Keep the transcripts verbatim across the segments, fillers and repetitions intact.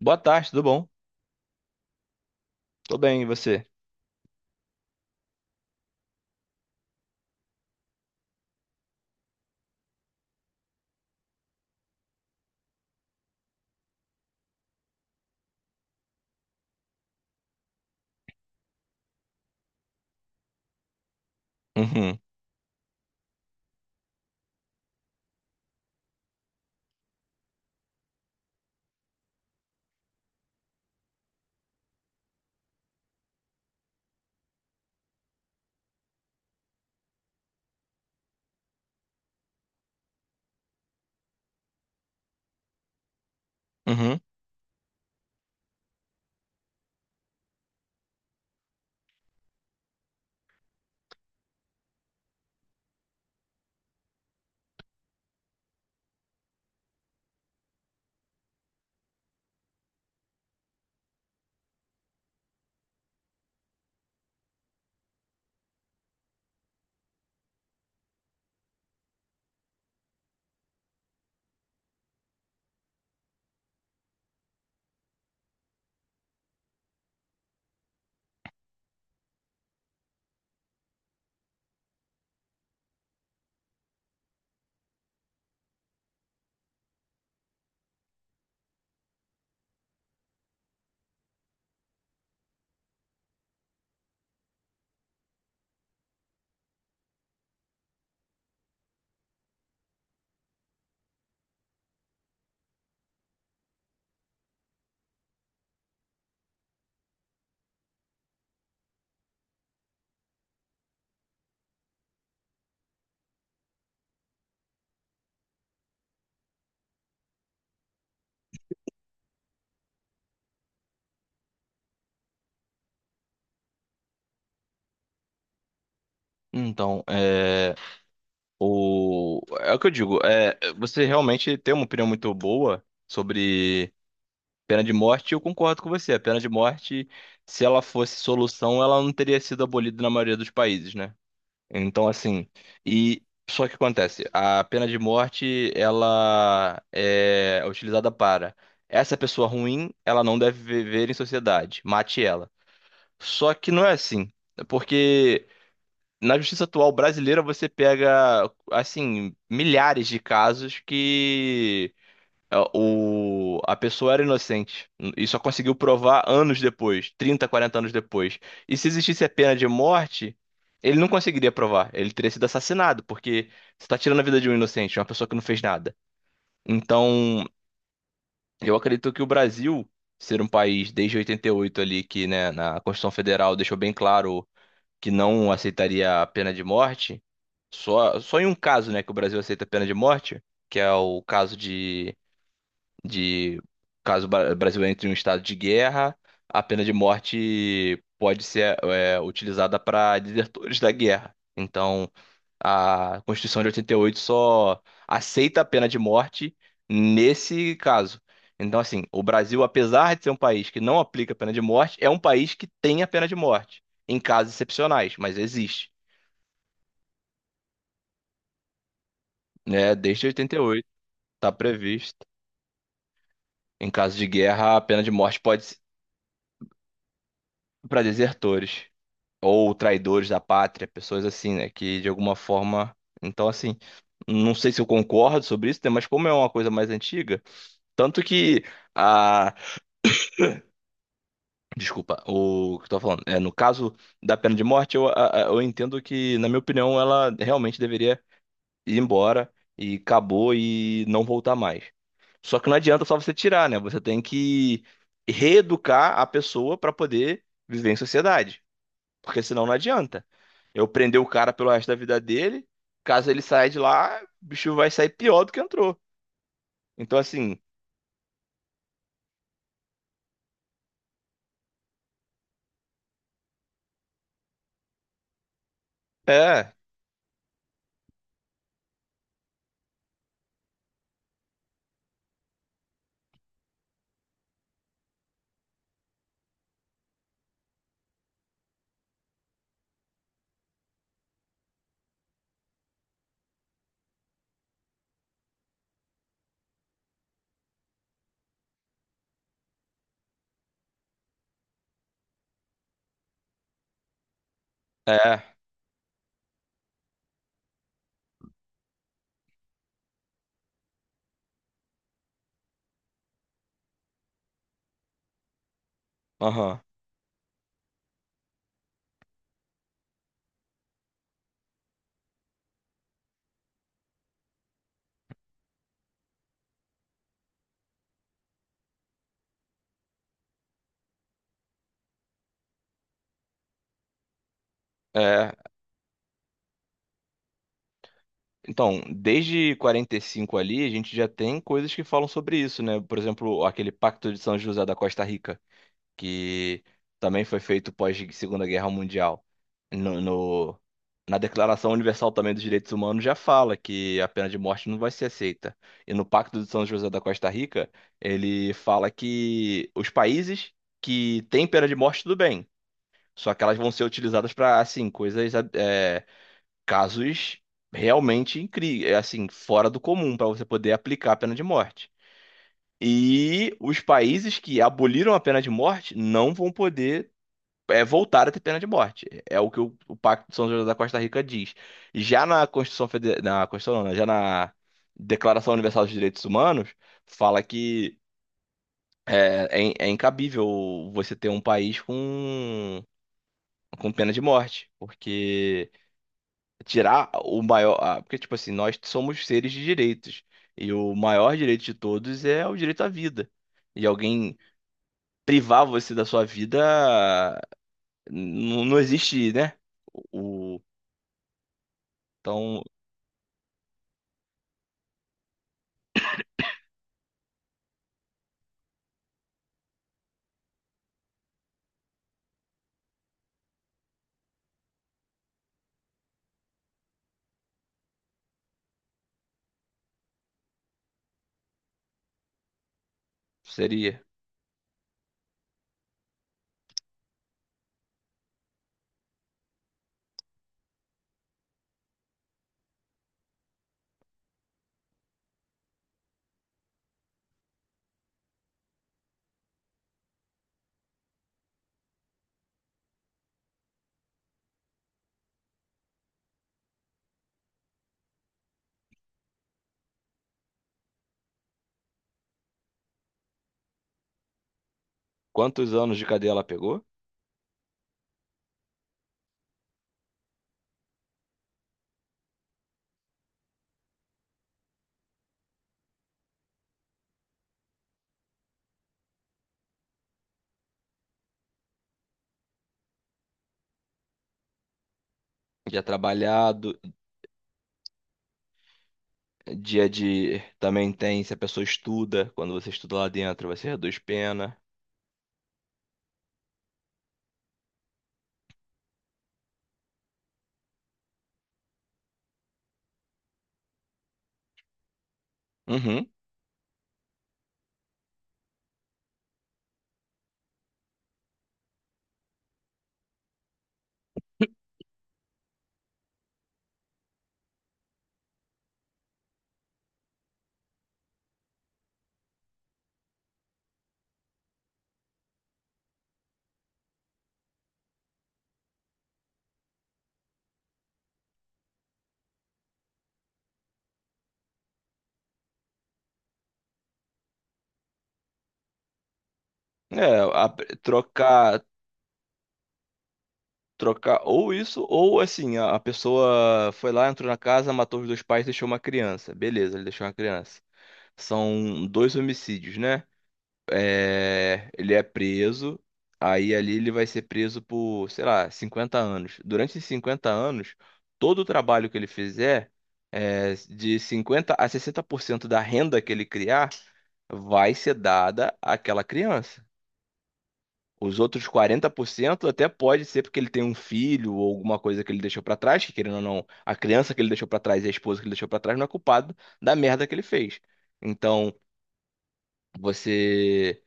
Boa tarde, tudo bom? Tô bem, e você? Uhum, uhum. Então, é, o, é o que eu digo, é, você realmente tem uma opinião muito boa sobre pena de morte, e eu concordo com você. A pena de morte, se ela fosse solução, ela não teria sido abolida na maioria dos países, né? Então, assim, e só que acontece, a pena de morte, ela é utilizada para essa pessoa ruim, ela não deve viver em sociedade, mate ela. Só que não é assim. É porque na justiça atual brasileira você pega, assim, milhares de casos que ah, o, a pessoa era inocente e só conseguiu provar anos depois, trinta quarenta anos depois. E se existisse a pena de morte, ele não conseguiria provar. Ele teria sido assassinado, porque você está tirando a vida de um inocente, uma pessoa que não fez nada. Então, eu acredito que o Brasil. Ser um país desde oitenta e oito ali que, né, na Constituição Federal deixou bem claro que não aceitaria a pena de morte, só, só em um caso, né, que o Brasil aceita a pena de morte, que é o caso de de caso o Bra- Brasil entre em um estado de guerra, a pena de morte pode ser é, utilizada para desertores da guerra. Então, a Constituição de oitenta e oito só aceita a pena de morte nesse caso. Então, assim, o Brasil, apesar de ser um país que não aplica a pena de morte, é um país que tem a pena de morte, em casos excepcionais, mas existe, né? Desde oitenta e oito está previsto. Em caso de guerra, a pena de morte pode ser para desertores. Ou traidores da pátria, pessoas assim, né? Que de alguma forma. Então, assim, não sei se eu concordo sobre isso, né? Mas como é uma coisa mais antiga, tanto que a. Desculpa, o que eu tô falando. É, no caso da pena de morte, eu, a- a- eu entendo que, na minha opinião, ela realmente deveria ir embora e acabou e não voltar mais. Só que não adianta só você tirar, né? Você tem que reeducar a pessoa para poder viver em sociedade. Porque senão não adianta. Eu prender o cara pelo resto da vida dele, caso ele saia de lá, o bicho vai sair pior do que entrou. Então, assim, é, é, aham, é. Então, desde quarenta e cinco ali, a gente já tem coisas que falam sobre isso, né? Por exemplo, aquele Pacto de São José da Costa Rica. Que também foi feito pós Segunda Guerra Mundial. No, no- Na Declaração Universal também dos Direitos Humanos já fala que a pena de morte não vai ser aceita. E no Pacto de São José da Costa Rica, ele fala que os países que têm pena de morte, tudo bem. Só que elas vão ser utilizadas para, assim, coisas, é, casos realmente incríveis, assim, fora do comum para você poder aplicar a pena de morte. E os países que aboliram a pena de morte não vão poder é voltar a ter pena de morte. É o que o, o Pacto de São José da Costa Rica diz. Já na Constituição Federal, na Constituição, não, né? Já na Declaração Universal dos Direitos Humanos, fala que é, é in- é incabível você ter um país com com pena de morte, porque tirar o maior, ah, porque tipo assim, nós somos seres de direitos e o maior direito de todos é o direito à vida. E alguém privar você da sua vida, não, não existe, né? Então, seria quantos anos de cadeia ela pegou? Dia trabalhado, dia de. Também tem, se a pessoa estuda, quando você estuda lá dentro, você reduz pena. Uhum. É, a- trocar, trocar ou isso, ou assim, a, a pessoa foi lá, entrou na casa, matou os dois pais, deixou uma criança. Beleza, ele deixou uma criança. São dois homicídios, né? É, ele é preso, aí ali ele vai ser preso por, sei lá, cinquenta anos. Durante esses cinquenta anos, todo o trabalho que ele fizer, é, de cinquenta a sessenta por cento da renda que ele criar, vai ser dada àquela criança. Os outros quarenta por cento até pode ser porque ele tem um filho ou alguma coisa que ele deixou pra trás, que querendo ou não, a criança que ele deixou pra trás e a esposa que ele deixou pra trás não é culpado da merda que ele fez. Então, você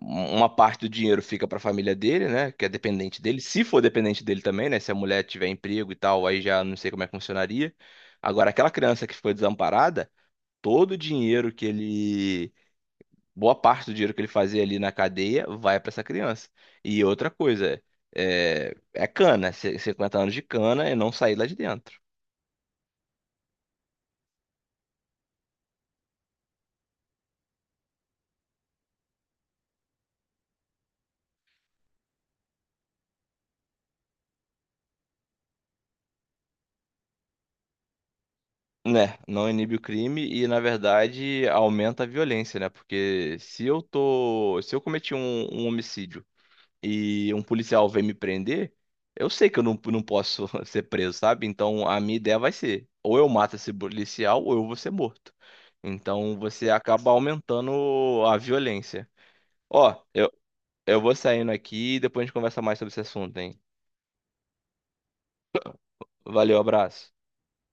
uma parte do dinheiro fica para a família dele, né? Que é dependente dele. Se for dependente dele também, né? Se a mulher tiver emprego e tal, aí já não sei como é que funcionaria. Agora, aquela criança que ficou desamparada, todo o dinheiro que ele. Boa parte do dinheiro que ele fazia ali na cadeia vai para essa criança. E outra coisa, é, é cana, c- cinquenta anos de cana e não sair lá de dentro. Né, não inibe o crime e, na verdade, aumenta a violência, né? Porque se eu tô, se eu cometi um, um homicídio e um policial vem me prender, eu sei que eu não, não posso ser preso, sabe? Então a minha ideia vai ser: ou eu mato esse policial, ou eu vou ser morto. Então você acaba aumentando a violência. Ó, eu, eu vou saindo aqui e depois a gente conversa mais sobre esse assunto, hein? Valeu, abraço.